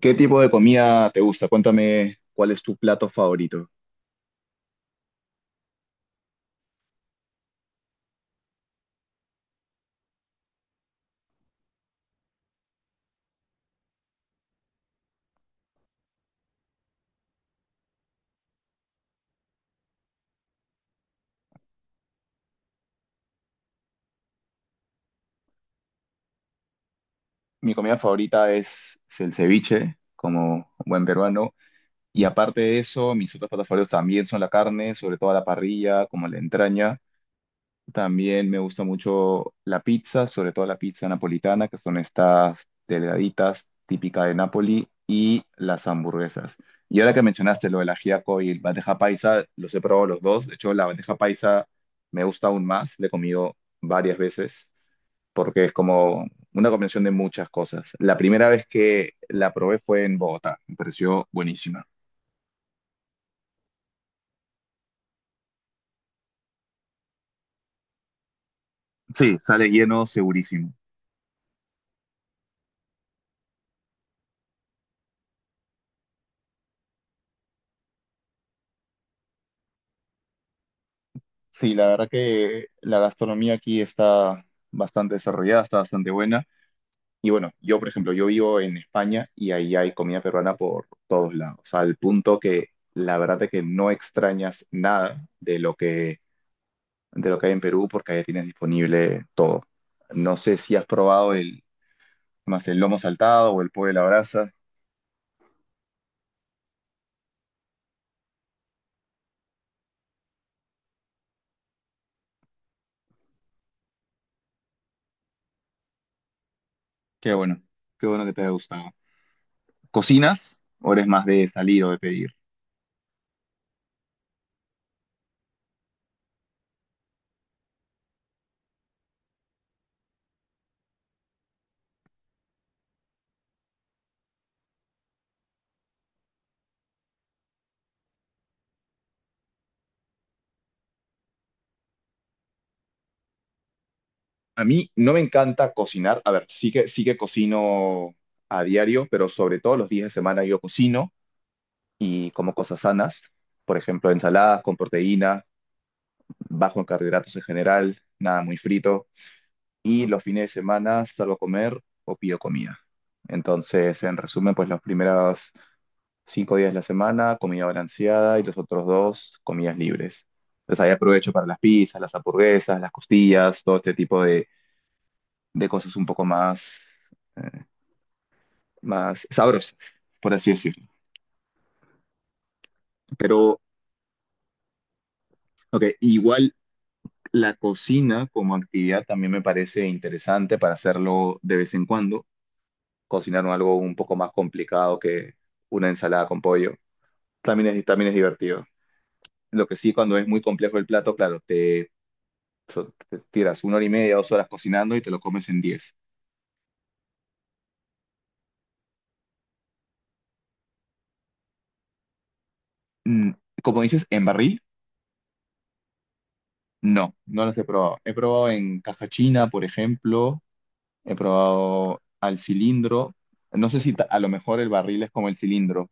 ¿Qué tipo de comida te gusta? Cuéntame cuál es tu plato favorito. Mi comida favorita es el ceviche, como buen peruano. Y aparte de eso, mis otros platos favoritos también son la carne, sobre todo a la parrilla, como la entraña. También me gusta mucho la pizza, sobre todo la pizza napolitana, que son estas delgaditas típicas de Nápoli, y las hamburguesas. Y ahora que mencionaste lo del ajiaco y el bandeja paisa, los he probado los dos. De hecho, la bandeja paisa me gusta aún más, la he comido varias veces, porque es como una combinación de muchas cosas. La primera vez que la probé fue en Bogotá, me pareció buenísima. Sí, sale lleno, segurísimo. Sí, la verdad que la gastronomía aquí está bastante desarrollada, está bastante buena. Y bueno, yo, por ejemplo, yo vivo en España y ahí hay comida peruana por todos lados, al punto que la verdad es que no extrañas nada de lo que, de lo que hay en Perú porque ahí tienes disponible todo. No sé si has probado el, más el lomo saltado o el pollo a la brasa. Qué bueno, qué bueno que te haya gustado. ¿Cocinas o eres más de salir o de pedir? A mí no me encanta cocinar. A ver, sí que cocino a diario, pero sobre todo los días de semana yo cocino y como cosas sanas. Por ejemplo, ensaladas con proteína, bajo en carbohidratos en general, nada muy frito. Y los fines de semana salgo a comer o pido comida. Entonces, en resumen, pues los primeros 5 días de la semana, comida balanceada y los otros dos, comidas libres. Entonces ahí aprovecho para las pizzas, las hamburguesas, las costillas, todo este tipo de cosas un poco más eh, más sabrosas, por así decirlo. Pero, ok, igual la cocina como actividad también me parece interesante para hacerlo de vez en cuando, cocinar algo un poco más complicado que una ensalada con pollo. También es divertido. Lo que sí, cuando es muy complejo el plato, claro, te tiras una hora y media, 2 horas cocinando y te lo comes en 10. Mm, Como dices, en barril, no, no los he probado. He probado en caja china, por ejemplo, he probado al cilindro. No sé si a lo mejor el barril es como el cilindro,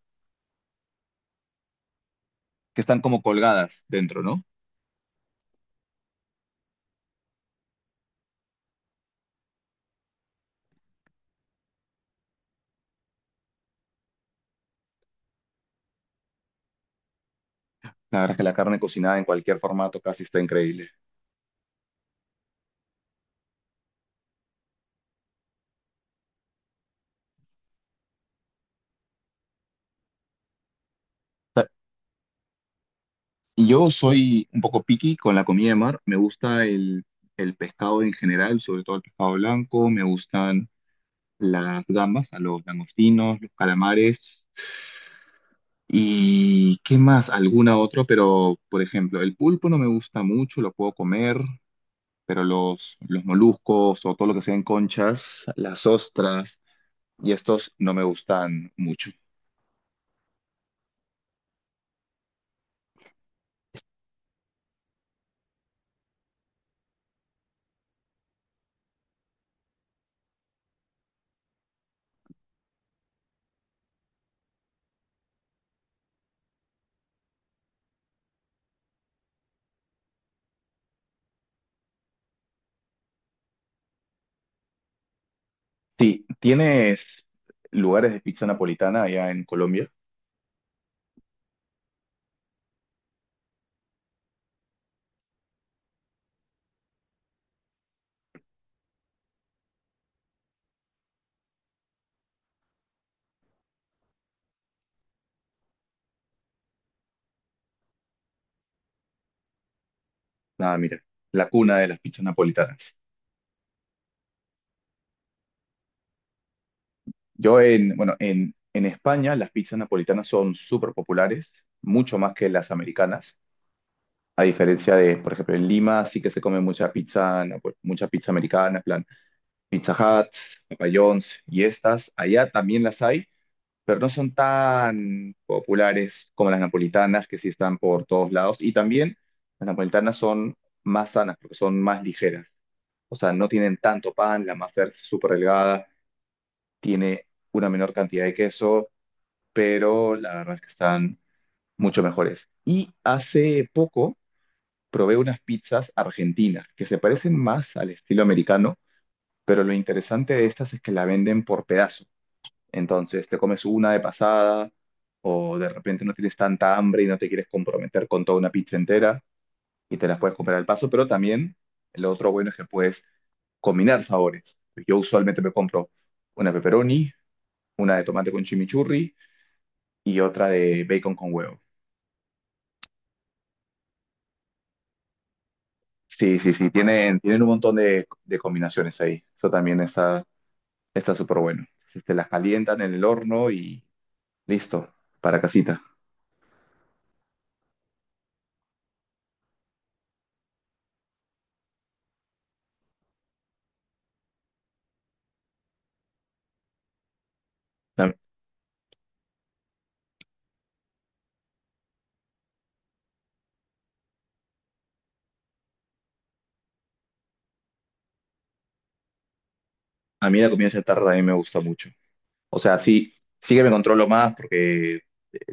que están como colgadas dentro, ¿no? La verdad es que la carne cocinada en cualquier formato casi está increíble. Ta- Y yo soy un poco picky con la comida de mar. Me gusta el pescado en general, sobre todo el pescado blanco. Me gustan las gambas, a los langostinos, los calamares. ¿Y qué más? Alguna otra, pero por ejemplo, el pulpo no me gusta mucho, lo puedo comer. Pero los moluscos o todo lo que sean conchas, las ostras y estos no me gustan mucho. Sí, ¿tienes lugares de pizza napolitana allá en Colombia? Ah, mira, la cuna de las pizzas napolitanas. Yo bueno, en España las pizzas napolitanas son súper populares, mucho más que las americanas. A diferencia de, por ejemplo, en Lima sí que se come mucha pizza mucha pizza americana, en plan Pizza Hut, Papa John's y estas. Allá también las hay, pero no son tan populares como las napolitanas, que sí están por todos lados. Y también las napolitanas son más sanas, porque son más ligeras. O sea, no tienen tanto pan, la masa es súper delgada, tiene una menor cantidad de queso, pero la verdad es que están mucho mejores. Y hace poco probé unas pizzas argentinas, que se parecen más al estilo americano, pero lo interesante de estas es que la venden por pedazos. Entonces te comes una de pasada o de repente no tienes tanta hambre y no te quieres comprometer con toda una pizza entera y te las puedes comprar al paso, pero también lo otro bueno es que puedes combinar sabores. Yo usualmente me compro una pepperoni, una de tomate con chimichurri y otra de bacon con huevo. Sí, sí, sí, tienen un montón de combinaciones ahí. Eso también está súper bueno. Entonces te las calientan en el horno y listo, para casita. A, a mí la comida chatarra también me gusta mucho. O sea, sí, sí que me controlo más porque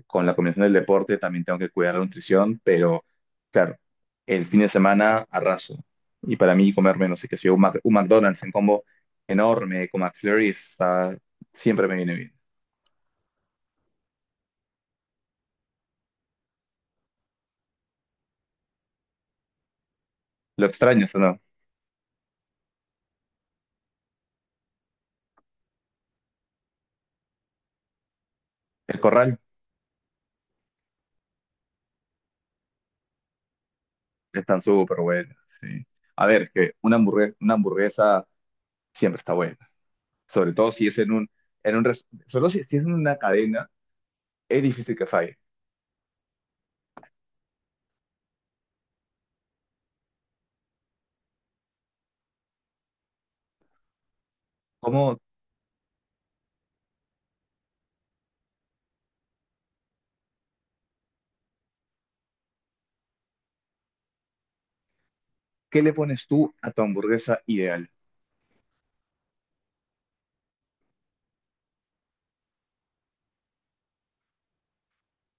con la combinación del deporte también tengo que cuidar la nutrición, pero claro, el fin de semana arraso. Y para mí comerme, no sé qué sé yo, un McDonald's en combo enorme con McFlurry está, siempre me viene bien. Lo extraño, ¿o no? El Corral están súper buenas, sí. A ver, es que una hamburguesa siempre está buena. Sobre todo si es en un, sobre todo si es en una cadena, es difícil que falle. ¿Cómo, qué le pones tú a tu hamburguesa ideal?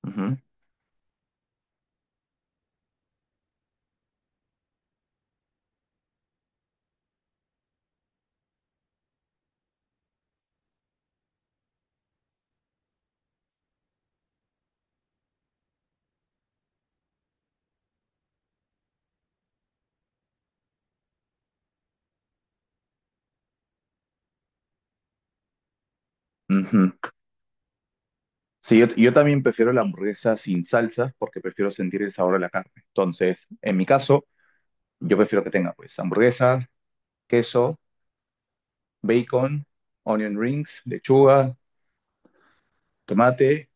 Ujú, ujú. Sí, yo también prefiero la hamburguesa sin salsas porque prefiero sentir el sabor de la carne. Entonces, en mi caso, yo prefiero que tenga pues hamburguesa, queso, bacon, onion rings, lechuga, tomate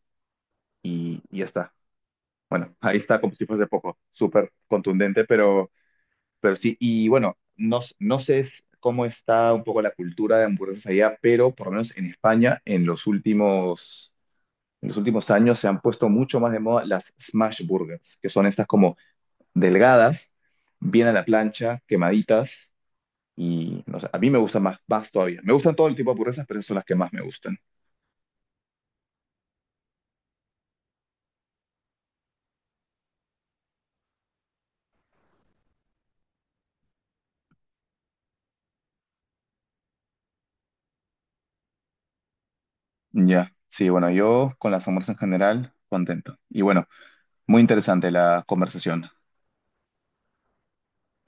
y ya está. Bueno, ahí está como si fuese poco, súper contundente, pero sí. Y bueno, no sé cómo está un poco la cultura de hamburguesas allá, pero por lo menos en España, en los últimos años se han puesto mucho más de moda las smash burgers, que son estas como delgadas, bien a la plancha, quemaditas, y no sé, a mí me gustan más, más todavía. Me gustan todo el tipo de hamburguesas, pero esas son las que más me gustan. Ya, sí, bueno, yo con las hamburguesas en general, contento. Y bueno, muy interesante la conversación.